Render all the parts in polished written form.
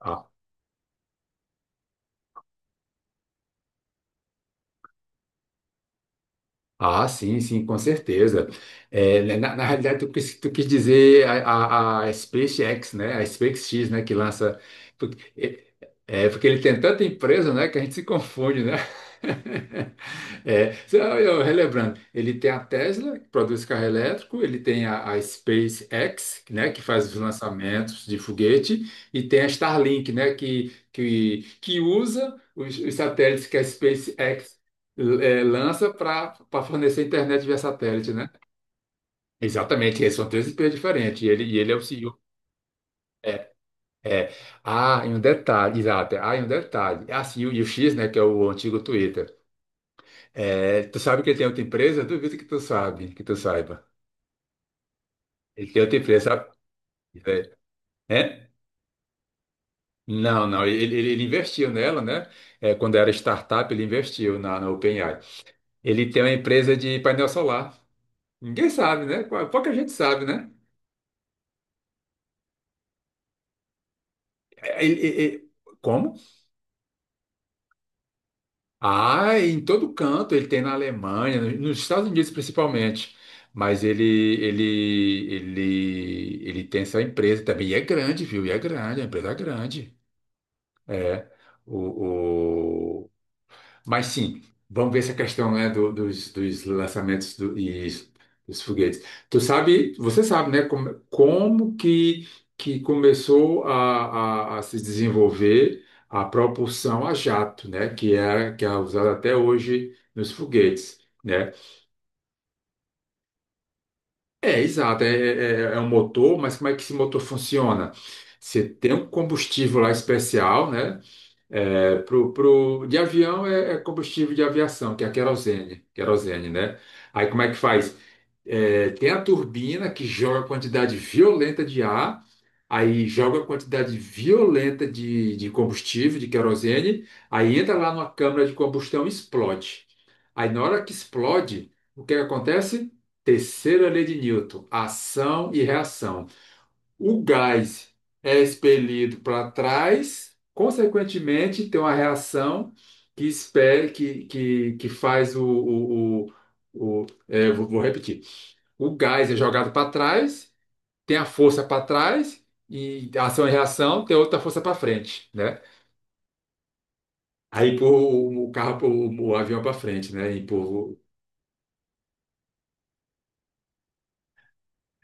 Ah, sim, sim, com certeza. É, né, na realidade, tu quis dizer a SpaceX, né? A SpaceX, né? Que lança. É, é, porque ele tem tanta empresa, né? Que a gente se confunde, né? É, só eu relembrando, ele tem a Tesla, que produz carro elétrico, ele tem a SpaceX, né? Que faz os lançamentos de foguete, e tem a Starlink, né? Que usa os satélites que a SpaceX é, lança para fornecer internet via satélite, né? Exatamente, esses são três empresas diferentes. E ele é o CEO. É, é. Ah, e um detalhe, exato. É. Ah, e um detalhe. Ah, sim, e o X, né, que é o antigo Twitter. É, tu sabe que ele tem outra empresa? Duvido que tu saiba. Ele tem outra empresa, sabe? É. É? Não, não, ele- ele investiu nela, né? É, quando era startup, ele investiu na OpenAI. Ele tem uma empresa de painel solar. Ninguém sabe, né? Pouca gente sabe, né? É, ele- ele- ele- como? Ah, em todo canto, ele tem na Alemanha, nos Estados Unidos principalmente. Mas ele tem essa empresa também. E é grande, viu? E é grande, a empresa é grande. É. O, mas sim, vamos ver essa questão, né, dos lançamentos e dos foguetes. Você sabe, né, que começou a, a se desenvolver a propulsão a jato, né, que é usada até hoje nos foguetes, né? É, exato, é um motor, mas como é que esse motor funciona? Você tem um combustível lá especial, né? De avião é, é combustível de aviação, que é a querosene, querosene, né? Aí como é que faz? É, tem a turbina que joga quantidade violenta de ar, aí joga quantidade violenta de combustível, de querosene, aí entra lá numa câmara de combustão e explode. Aí na hora que explode, o que que acontece? Terceira lei de Newton, ação e reação. O gás é expelido para trás, consequentemente, tem uma reação que, espere, que faz o. O- é, vou repetir. O gás é jogado para trás, tem a força para trás, e ação e reação tem outra força para frente, né? Aí empurra o carro, o avião para frente, né? Empurra.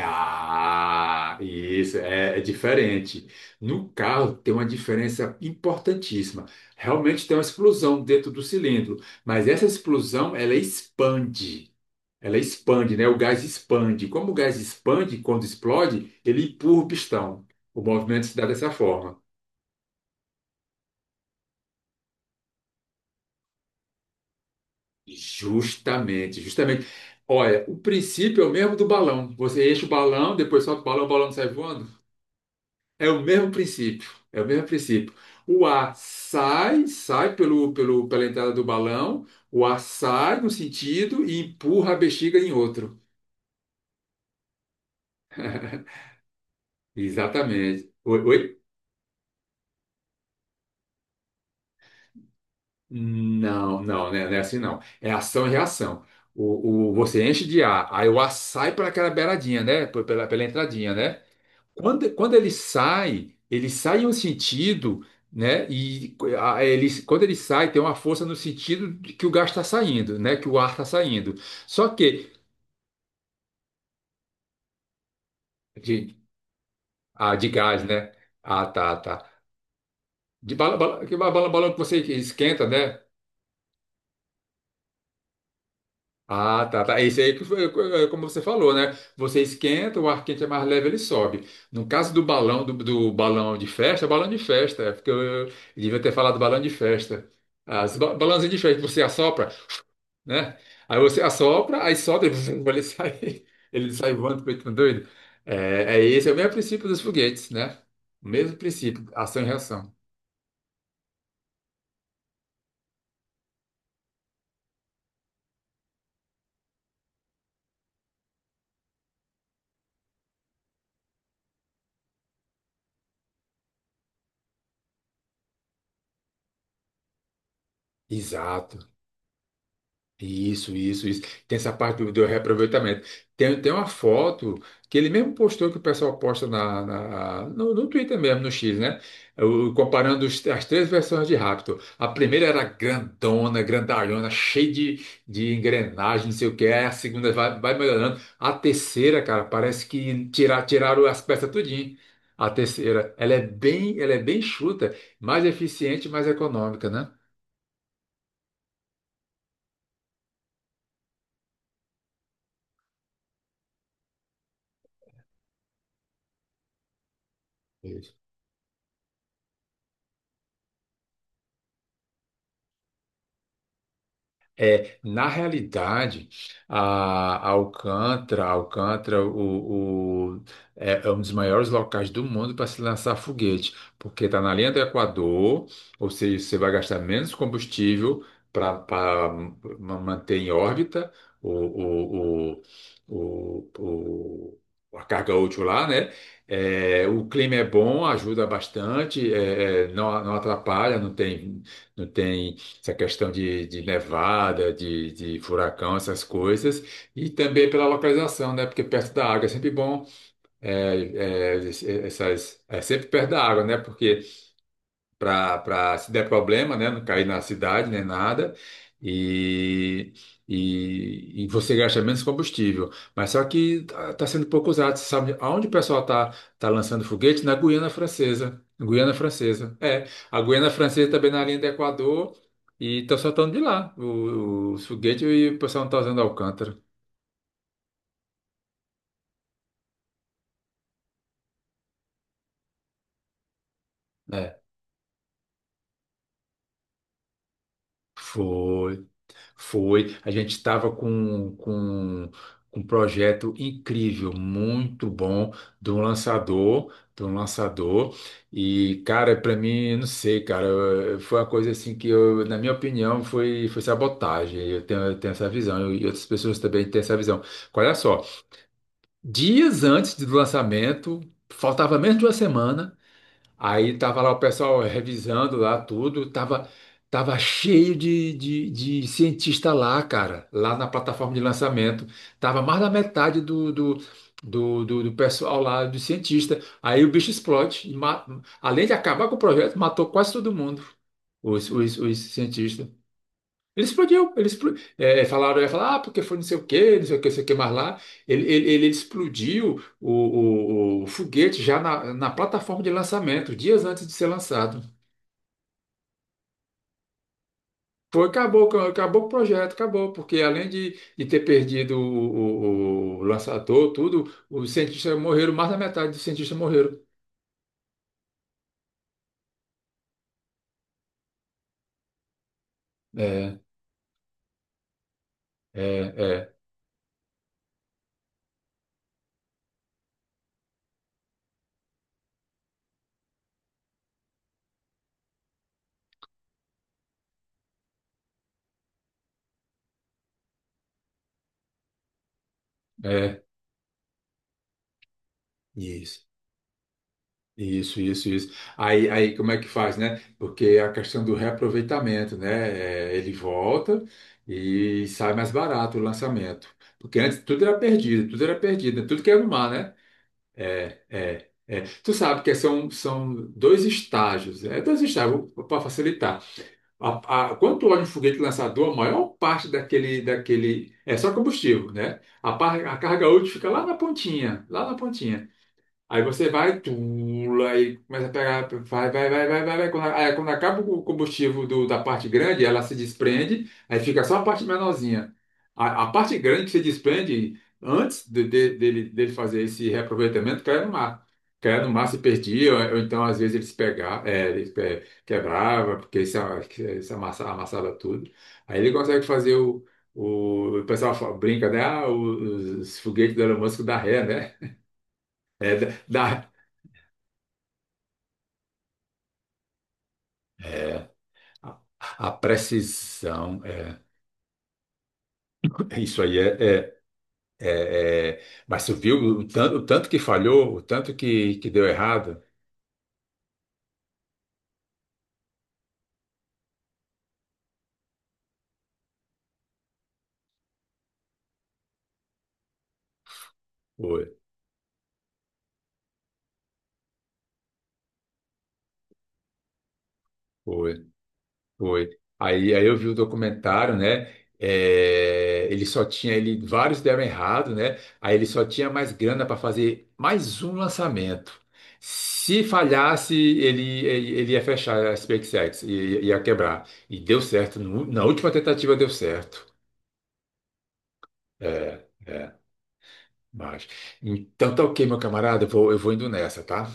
Ah, isso é, é diferente. No carro tem uma diferença importantíssima. Realmente tem uma explosão dentro do cilindro, mas essa explosão ela expande. Ela expande, né? O gás expande. Como o gás expande, quando explode, ele empurra o pistão. O movimento se dá dessa forma. Justamente, justamente. Olha, o princípio é o mesmo do balão. Você enche o balão, depois solta o balão sai voando. É o mesmo princípio, é o mesmo princípio. O ar sai, sai pela entrada do balão, o ar sai num sentido e empurra a bexiga em outro. Exatamente. Oi, oi? Não, não, né? Não é assim não. É ação e reação. Você enche de ar, aí o ar sai por aquela beiradinha, né? Por Pela, pela entradinha, né? Quando ele sai em um sentido, né? Quando ele sai, tem uma força no sentido de que o gás está saindo, né? Que o ar está saindo. Só que de, ah, de gás, né? Ah, tá, tá. De bala, bala, que bala, balão que você esquenta, né? Ah, tá, tá. Esse aí que foi, como você falou, né? Você esquenta, o ar quente é mais leve, ele sobe. No caso do balão, do balão de festa, é porque eu devia ter falado balão de festa. As ba balãozinhas de festa, que você assopra, né? Aí você assopra, aí sobe, ele sai, ele sai voando, feito um doido. É, é esse é o mesmo princípio dos foguetes, né? O mesmo princípio, ação e reação. Exato. Isso, isso, isso. Tem essa parte do reaproveitamento. Tem uma foto que ele mesmo postou, que o pessoal posta no Twitter mesmo, no X, né? Comparando as três versões de Raptor. A primeira era grandona, grandalhona, cheia de engrenagem, não sei o que. Aí a segunda vai, vai melhorando. A terceira, cara, parece que tiraram as peças tudinho. A terceira, ela é bem chuta, mais eficiente, mais econômica, né? É, na realidade, a Alcântara é, é um dos maiores locais do mundo para se lançar foguete, porque está na linha do Equador, ou seja, você vai gastar menos combustível para manter em órbita o, o, o, o, o- a carga útil lá, né? É, o clima é bom, ajuda bastante, é, é, não, não atrapalha, não tem essa questão de nevada, de furacão, essas coisas, e também pela localização, né? Porque perto da água é sempre bom, é, é sempre perto da água, né? Porque para se der problema, né? Não cair na cidade nem nada. E, e você gasta menos combustível. Mas só que está sendo pouco usado. Você sabe aonde o pessoal está tá tá lançando foguete? Na Guiana Francesa. Guiana Francesa. É, a Guiana Francesa também na linha do Equador. E estão soltando de lá o foguete e o pessoal não está usando Alcântara. É. Foi. Foi, a gente estava com um projeto incrível, muito bom, de um lançador, de um lançador. E, cara, para mim, não sei, cara, foi uma coisa assim que, eu, na minha opinião, foi, foi sabotagem. Eu tenho essa visão, e outras pessoas também têm essa visão. Olha só, dias antes do lançamento, faltava menos de uma semana. Aí tava lá o pessoal revisando lá tudo, tava, tava cheio de cientista lá, cara, lá na plataforma de lançamento. Tava mais da metade do pessoal lá, do cientista. Aí o bicho explode. Além de acabar com o projeto, matou quase todo mundo, os cientistas. Ele explodiu, ele explo- é, é, falaram, ia falar, ah, porque foi não sei o quê, não sei o quê, não sei o quê mais lá. Ele explodiu o foguete já na plataforma de lançamento, dias antes de ser lançado. Foi, acabou, acabou o projeto, acabou, porque além de ter perdido o lançador, tudo, os cientistas morreram, mais da metade dos cientistas morreram. É, é, é, é, isso. Isso, isso, isso. Aí como é que faz, né? Porque a questão do reaproveitamento, né? É, ele volta e sai mais barato o lançamento. Porque antes tudo era perdido, né? Tudo que era no mar, né? É, é. Tu sabe que são, são dois estágios, é dois estágios para facilitar. Quando tu olha um foguete lançador, a maior parte daquele, daquele é só combustível, né? A carga útil fica lá na pontinha, lá na pontinha. Aí você vai, pula e começa a pegar, vai, vai, vai, vai, vai, vai. Aí quando acaba o combustível da parte grande, ela se desprende, aí fica só a parte menorzinha. A parte grande que se desprende antes dele fazer esse reaproveitamento cai no mar. Caia no mar, se perdia, ou então às vezes eles pegavam, é, quebrava, porque isso, amassava tudo. Aí ele consegue fazer o. O pessoal brinca, né? Ah, os foguetes do Elon Musk da ré, né? É, dá, É, a, a precisão, é, isso aí é, é, é, é- mas tu viu o tanto que falhou, o tanto que deu errado? Foi, foi, foi. Aí eu vi o documentário, né? É, ele, vários deram errado, né? Aí ele só tinha mais grana para fazer mais um lançamento. Se falhasse, ele ia fechar a SpaceX, ia quebrar. E deu certo, na última tentativa deu certo. É. É. Mas, então tá ok, meu camarada, eu vou indo nessa, tá?